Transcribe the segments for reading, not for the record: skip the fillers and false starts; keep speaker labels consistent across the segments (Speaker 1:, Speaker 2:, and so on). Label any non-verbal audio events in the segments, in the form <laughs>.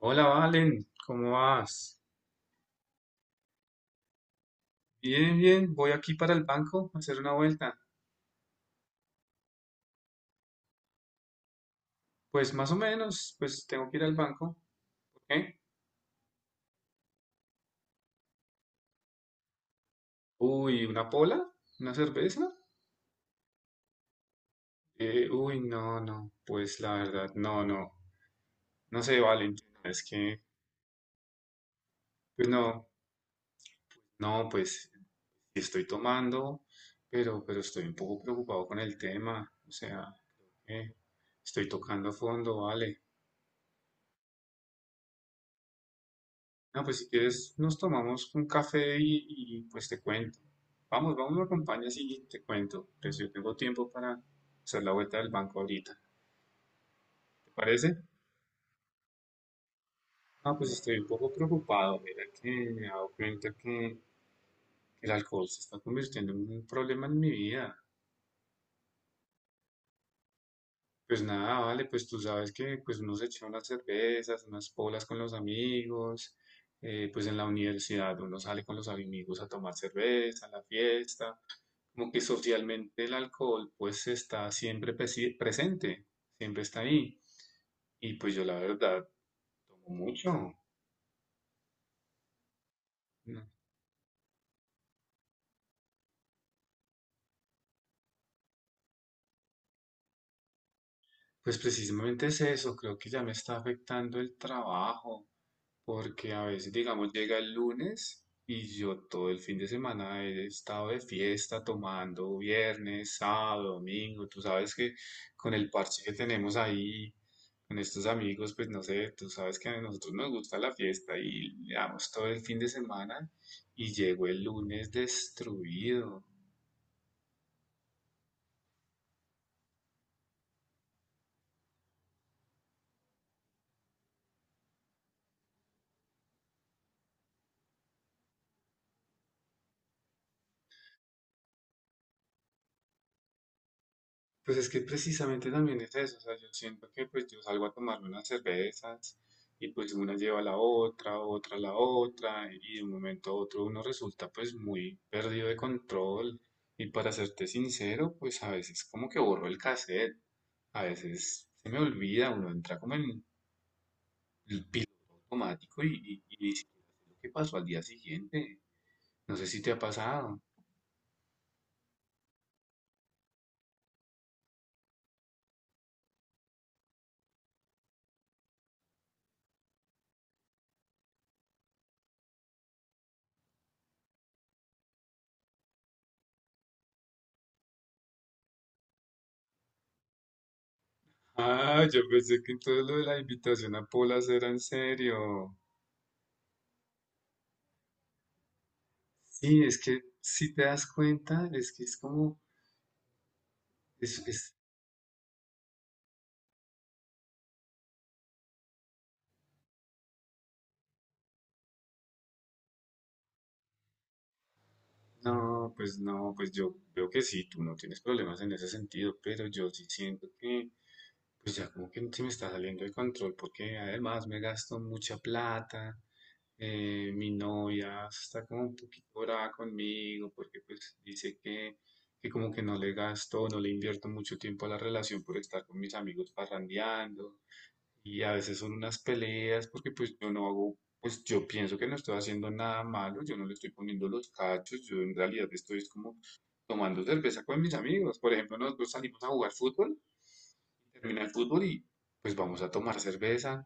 Speaker 1: Hola, Valen, ¿cómo vas? Bien, bien, voy aquí para el banco a hacer una vuelta. Pues más o menos, pues tengo que ir al banco. ¿Por qué? Uy, ¿una pola? ¿Una cerveza? No, no, pues la verdad, no, no. No sé, Valen, es que, pues no, no, pues sí estoy tomando, pero estoy un poco preocupado con el tema. O sea, creo que estoy tocando fondo, Vale. No, pues si quieres nos tomamos un café y pues te cuento. Vamos, vamos, me acompañas y te cuento. Pues yo tengo tiempo para hacer la vuelta del banco ahorita. ¿Te parece? Ah, pues estoy un poco preocupado. Mira que me he dado cuenta que el alcohol se está convirtiendo en un problema en mi vida. Pues nada, vale, pues tú sabes que pues uno se echa unas cervezas, unas polas con los amigos. Pues en la universidad uno sale con los amigos a tomar cerveza, a la fiesta. Como que socialmente el alcohol pues está siempre presente, siempre está ahí. Y pues yo la verdad tomo mucho. ¿No? Pues precisamente es eso, creo que ya me está afectando el trabajo. Porque a veces, digamos, llega el lunes y yo todo el fin de semana he estado de fiesta tomando viernes, sábado, domingo. Tú sabes que con el parche que tenemos ahí, con estos amigos, pues no sé, tú sabes que a nosotros nos gusta la fiesta y le damos todo el fin de semana y llego el lunes destruido. Pues es que precisamente también es eso, o sea, yo siento que pues yo salgo a tomarme unas cervezas y pues una lleva a la otra, otra a la otra y de un momento a otro uno resulta pues muy perdido de control y para serte sincero pues a veces como que borro el cassette, a veces se me olvida, uno entra como en el piloto automático y ni siquiera sé lo que pasó al día siguiente, no sé si te ha pasado. Ah, yo pensé que todo lo de la invitación a Polas era en serio. Sí, es que si te das cuenta, es que es como, es, es- no, pues no, pues yo veo que sí, tú no tienes problemas en ese sentido, pero yo sí siento que, pues ya como que se me está saliendo de control, porque además me gasto mucha plata, mi novia está como un poquito brava conmigo, porque pues dice que como que no le gasto, no le invierto mucho tiempo a la relación por estar con mis amigos parrandeando. Y a veces son unas peleas porque pues yo no hago, pues yo pienso que no estoy haciendo nada malo, yo no le estoy poniendo los cachos, yo en realidad estoy es como tomando cerveza con mis amigos. Por ejemplo, nosotros salimos a jugar fútbol, termina el fútbol y pues vamos a tomar cerveza.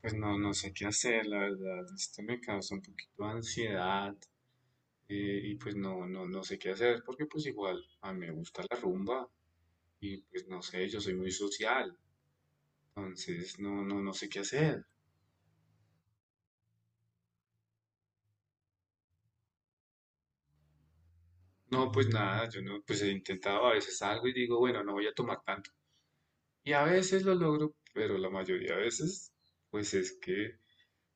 Speaker 1: Pues no, no sé qué hacer, la verdad, esto me causa un poquito de ansiedad y pues no, no, no sé qué hacer porque pues igual a mí me gusta la rumba y pues no sé, yo soy muy social, entonces no, no, no sé qué hacer. No, pues nada, yo no, pues he intentado a veces algo y digo, bueno, no voy a tomar tanto. Y a veces lo logro, pero la mayoría de veces, pues es que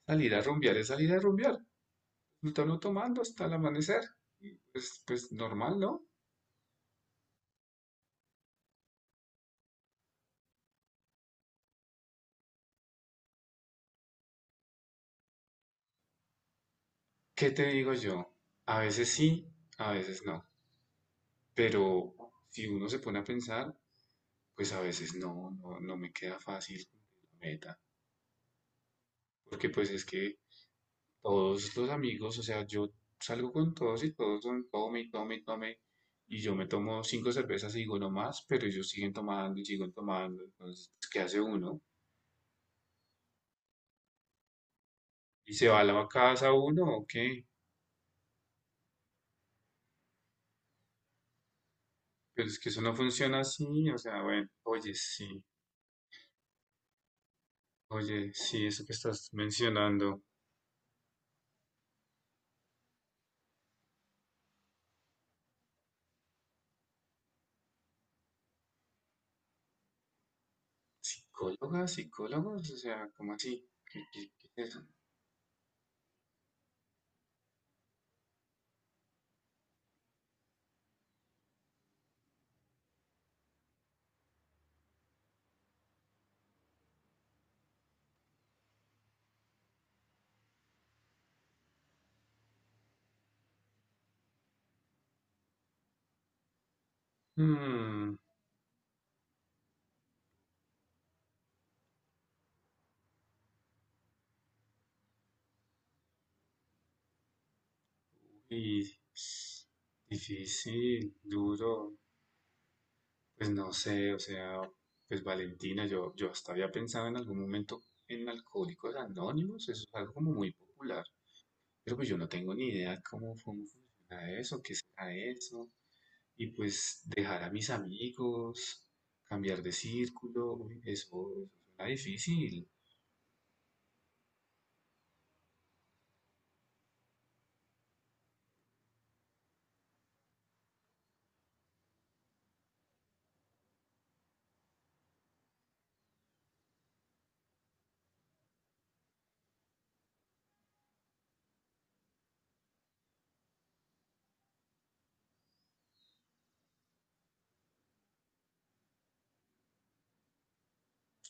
Speaker 1: salir a rumbear es salir a rumbear. No está uno no tomando hasta el amanecer. Y pues, pues normal, ¿no? ¿Qué te digo yo? A veces sí, a veces no. Pero si uno se pone a pensar, pues a veces no, no, no me queda fácil cumplir la meta. Porque pues es que todos los amigos, o sea, yo salgo con todos y todos son tome y tome y tome. Y yo me tomo cinco cervezas y digo no más, pero ellos siguen tomando y siguen tomando. Entonces, pues, ¿qué hace uno? ¿Y se va a la casa uno o qué? Pero es que eso no funciona así. O sea, bueno, oye, sí, eso que estás mencionando. ¿Psicólogas, psicólogos? O sea, ¿cómo así? ¿Qué es eso? Hmm, y difícil, duro. Pues no sé, o sea, pues Valentina, yo hasta había pensado en algún momento en Alcohólicos Anónimos, eso es algo como muy popular, pero pues yo no tengo ni idea cómo funciona eso, qué será eso, y pues dejar a mis amigos, cambiar de círculo, uy, eso suena difícil.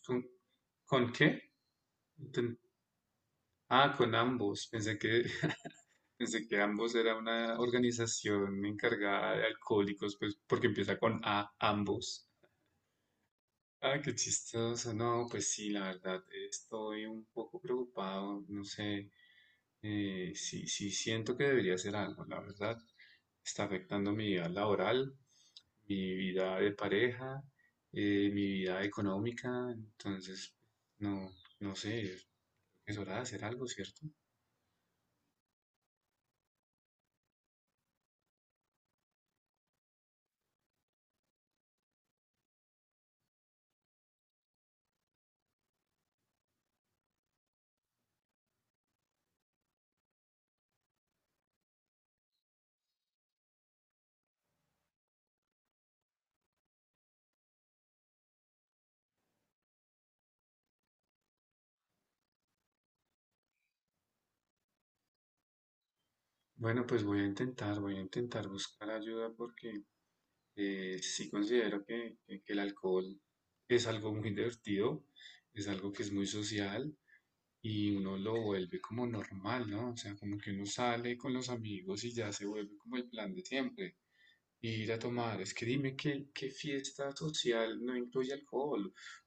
Speaker 1: ¿Con, con qué? Enten- Ah, con ambos, pensé que, <laughs> pensé que ambos era una organización encargada de alcohólicos, pues porque empieza con A, ambos. Ah, qué chistoso. No, pues sí, la verdad, estoy un poco preocupado. No sé, sí, sí siento que debería hacer algo, la verdad. Está afectando mi vida laboral, mi vida de pareja, mi vida económica. Entonces, no, no sé, es hora de hacer algo, ¿cierto? Bueno, pues voy a intentar buscar ayuda porque sí considero que, que el alcohol es algo muy <laughs> divertido, es algo que es muy social y uno lo vuelve como normal, ¿no? O sea, como que uno sale con los amigos y ya se vuelve como el plan de siempre. Ir a tomar, es que dime qué fiesta social no incluye alcohol.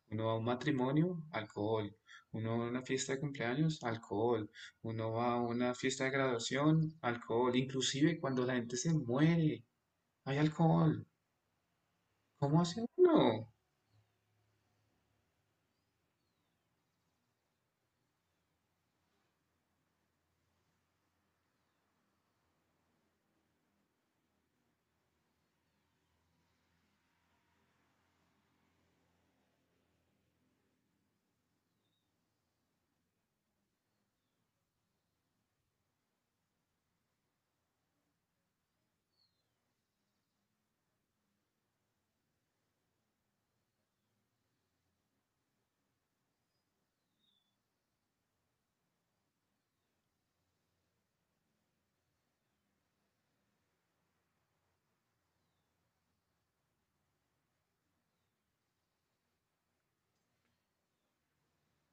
Speaker 1: Uno va a un matrimonio, alcohol. Uno va a una fiesta de cumpleaños, alcohol. Uno va a una fiesta de graduación, alcohol. Inclusive cuando la gente se muere, hay alcohol. ¿Cómo hace uno?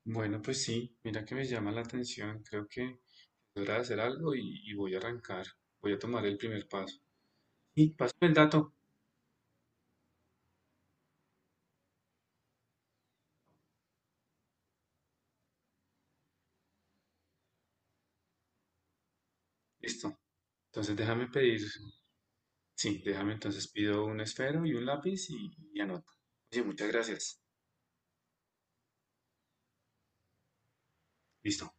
Speaker 1: Bueno, pues sí, mira que me llama la atención. Creo que podrá hacer algo y voy a arrancar. Voy a tomar el primer paso. Y pásame el dato. Listo. Entonces déjame pedir. Sí, déjame entonces pido un esfero y un lápiz y anoto. Oye, muchas gracias. Listo.